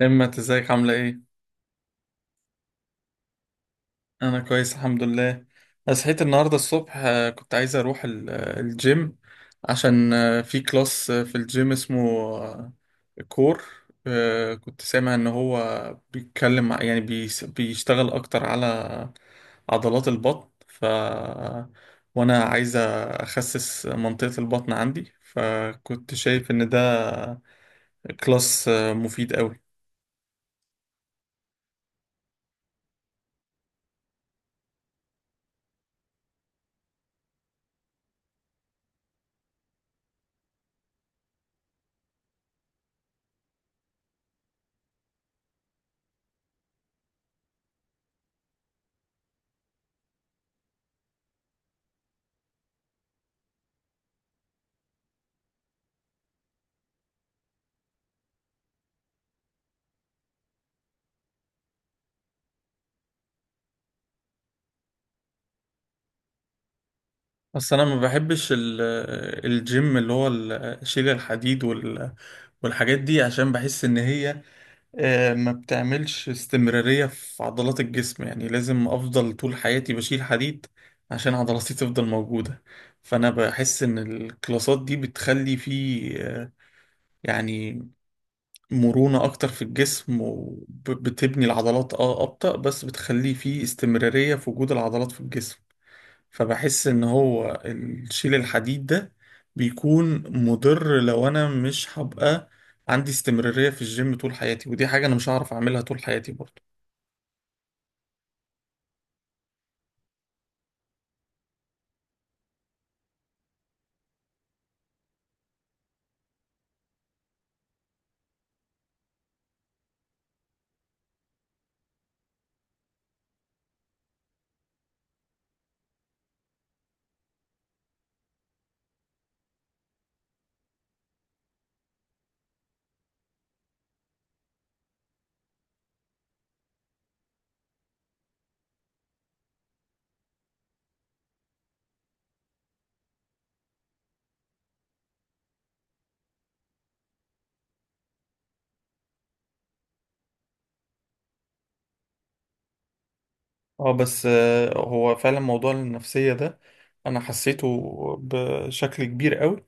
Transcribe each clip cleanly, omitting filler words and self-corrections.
همت، ازيك؟ عاملة ايه؟ أنا كويس الحمد لله. أنا صحيت النهاردة الصبح. كنت عايز أروح الجيم عشان في كلاس في الجيم اسمه آه، كور. كنت سامع إن هو بيتكلم بيشتغل أكتر على عضلات البطن، ف وأنا عايز أخسس منطقة البطن عندي، فكنت شايف إن ده كلاس مفيد أوي. بس انا ما بحبش الجيم اللي هو شيل الحديد والحاجات دي، عشان بحس ان هي ما بتعملش استمرارية في عضلات الجسم، يعني لازم افضل طول حياتي بشيل حديد عشان عضلاتي تفضل موجودة. فانا بحس ان الكلاسات دي بتخلي فيه يعني مرونة اكتر في الجسم، وبتبني العضلات اه ابطأ، بس بتخلي فيه استمرارية في وجود العضلات في الجسم. فبحس ان هو الشيل الحديد ده بيكون مضر لو انا مش هبقى عندي استمرارية في الجيم طول حياتي، ودي حاجة انا مش هعرف اعملها طول حياتي برضه. اه، بس هو فعلا موضوع النفسية ده انا حسيته بشكل كبير قوي.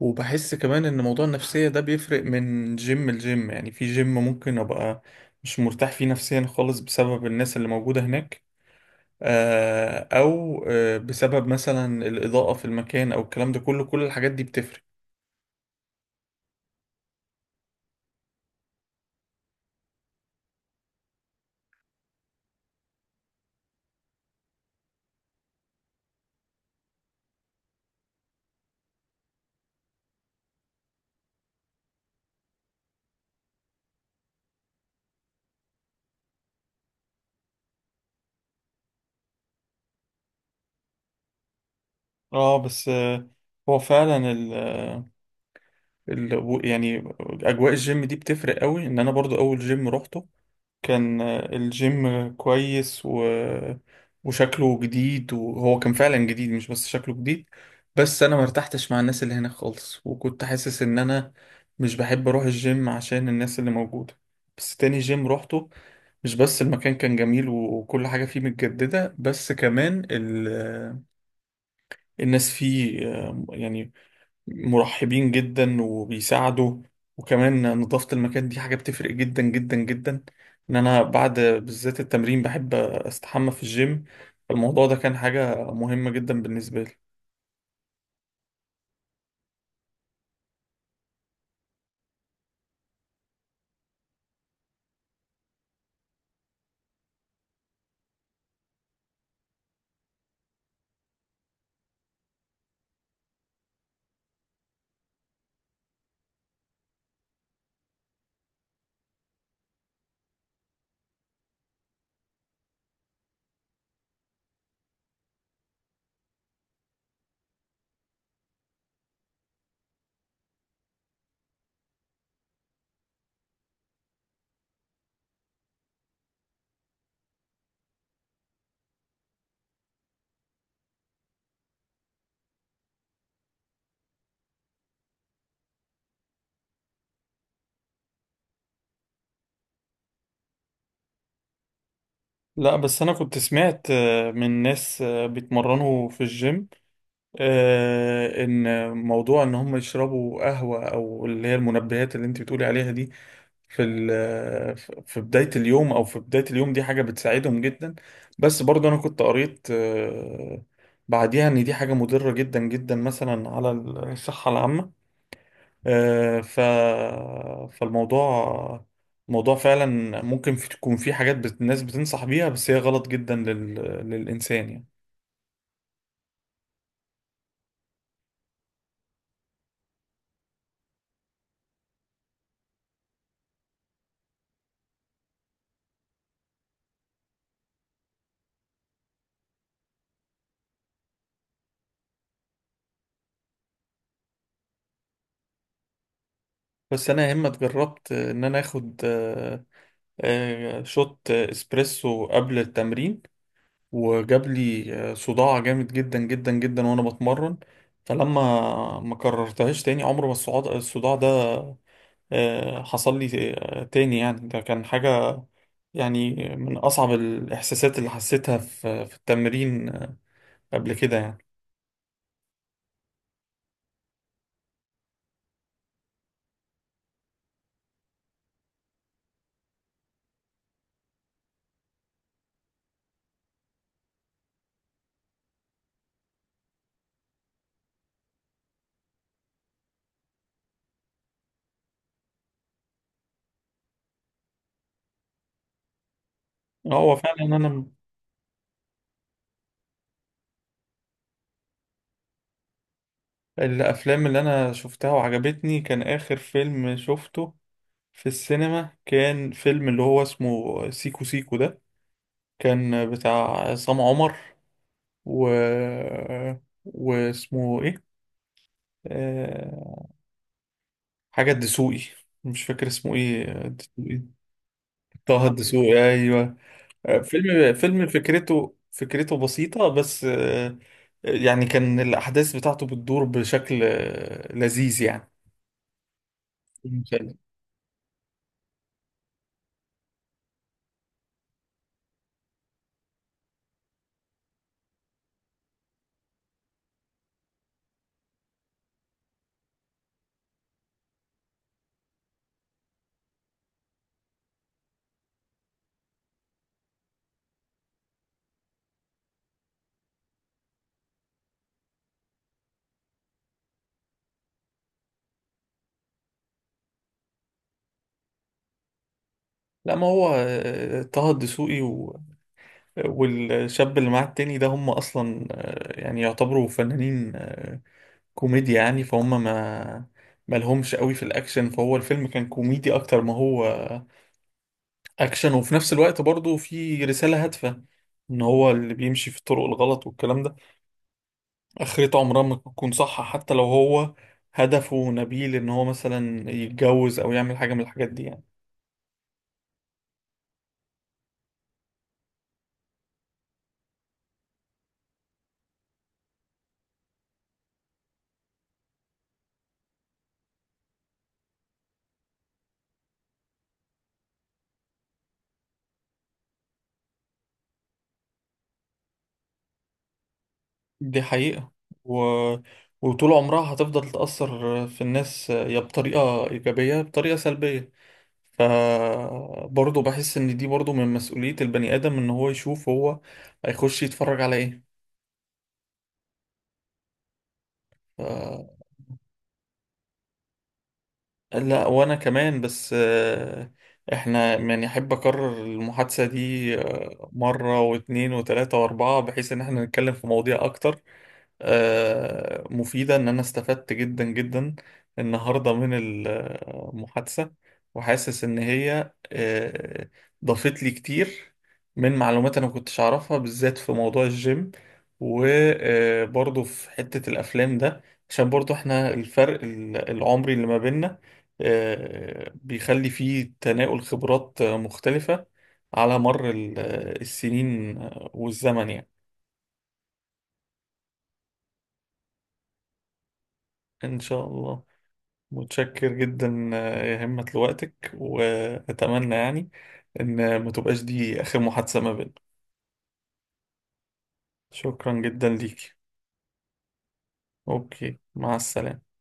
وبحس كمان ان موضوع النفسية ده بيفرق من جيم لجيم، يعني في جيم ممكن ابقى مش مرتاح فيه نفسيا خالص بسبب الناس اللي موجودة هناك، او بسبب مثلا الاضاءه في المكان، او الكلام ده كله، كل الحاجات دي بتفرق. اه، بس آه، هو فعلا ال آه، ال يعني اجواء الجيم دي بتفرق قوي. ان انا برضو اول جيم روحته كان الجيم كويس و وشكله جديد، وهو كان فعلا جديد مش بس شكله جديد، بس انا ما ارتحتش مع الناس اللي هناك خالص، وكنت حاسس ان انا مش بحب اروح الجيم عشان الناس اللي موجودة. بس تاني جيم روحته مش بس المكان كان جميل وكل حاجة فيه متجددة، بس كمان الناس فيه يعني مرحبين جدا وبيساعدوا. وكمان نظافة المكان دي حاجة بتفرق جدا جدا جدا، ان انا بعد بالذات التمرين بحب استحمى في الجيم، فالموضوع ده كان حاجة مهمة جدا بالنسبة لي. لا، بس انا كنت سمعت من ناس بيتمرنوا في الجيم ان موضوع ان هم يشربوا قهوة او اللي هي المنبهات اللي انت بتقولي عليها دي في ال- في بداية اليوم أو في بداية اليوم دي حاجة بتساعدهم جدا. بس برضه أنا كنت قريت بعديها إن دي حاجة مضرة جدا جدا مثلا على الصحة العامة. آه، ف فالموضوع موضوع فعلا ممكن تكون في حاجات الناس بتنصح بيها، بس هي غلط جدا للإنسان يعني. بس أنا يا إما جربت إن أنا آخد شوت إسبريسو قبل التمرين، وجاب لي صداع جامد جدا جدا جدا وانا بتمرن. فلما ما كررتهاش تاني، عمر ما الصداع ده حصل لي تاني، يعني ده كان حاجة يعني من أصعب الإحساسات اللي حسيتها في في التمرين قبل كده يعني. هو فعلا أنا الأفلام اللي أنا شفتها وعجبتني كان آخر فيلم شفته في السينما، كان فيلم اللي هو اسمه سيكو سيكو ده، كان بتاع عصام عمر و واسمه ايه، آه... حاجة الدسوقي، مش فاكر اسمه ايه الدسوقي. طه الدسوقي، ايوه. فيلم فكرته فكرته بسيطة بس يعني كان الأحداث بتاعته بتدور بشكل لذيذ يعني. مسلي. لا، ما هو طه الدسوقي والشاب اللي معاه التاني ده هم أصلا يعني يعتبروا فنانين كوميديا يعني، فهم ما ما لهمش قوي في الاكشن، فهو الفيلم كان كوميدي اكتر ما هو اكشن، وفي نفس الوقت برضه في رسالة هادفة ان هو اللي بيمشي في الطرق الغلط والكلام ده اخرته عمرها ما تكون صح، حتى لو هو هدفه نبيل ان هو مثلا يتجوز او يعمل حاجة من الحاجات دي يعني. دي حقيقة، و وطول عمرها هتفضل تأثر في الناس، يا بطريقة إيجابية يا بطريقة سلبية، فبرضه بحس ان دي برضه من مسؤولية البني ادم ان هو يشوف هو هيخش يتفرج على ايه. ف لا وانا كمان، بس احنا يعني احب اكرر المحادثة دي مرة واتنين وتلاتة واربعة، بحيث ان احنا نتكلم في مواضيع اكتر مفيدة. إن أنا استفدت جدا جدا النهاردة من المحادثة، وحاسس إن هي ضافت لي كتير من معلومات أنا كنتش أعرفها، بالذات في موضوع الجيم، وبرضه في حتة الأفلام ده، عشان برضه إحنا الفرق العمري اللي ما بيننا بيخلي فيه تناول خبرات مختلفة على مر السنين والزمن يعني. إن شاء الله. متشكر جدا يا همة لوقتك، وأتمنى يعني إن ما تبقاش دي آخر محادثة ما بيننا. شكرا جدا ليكي. أوكي، مع السلامة.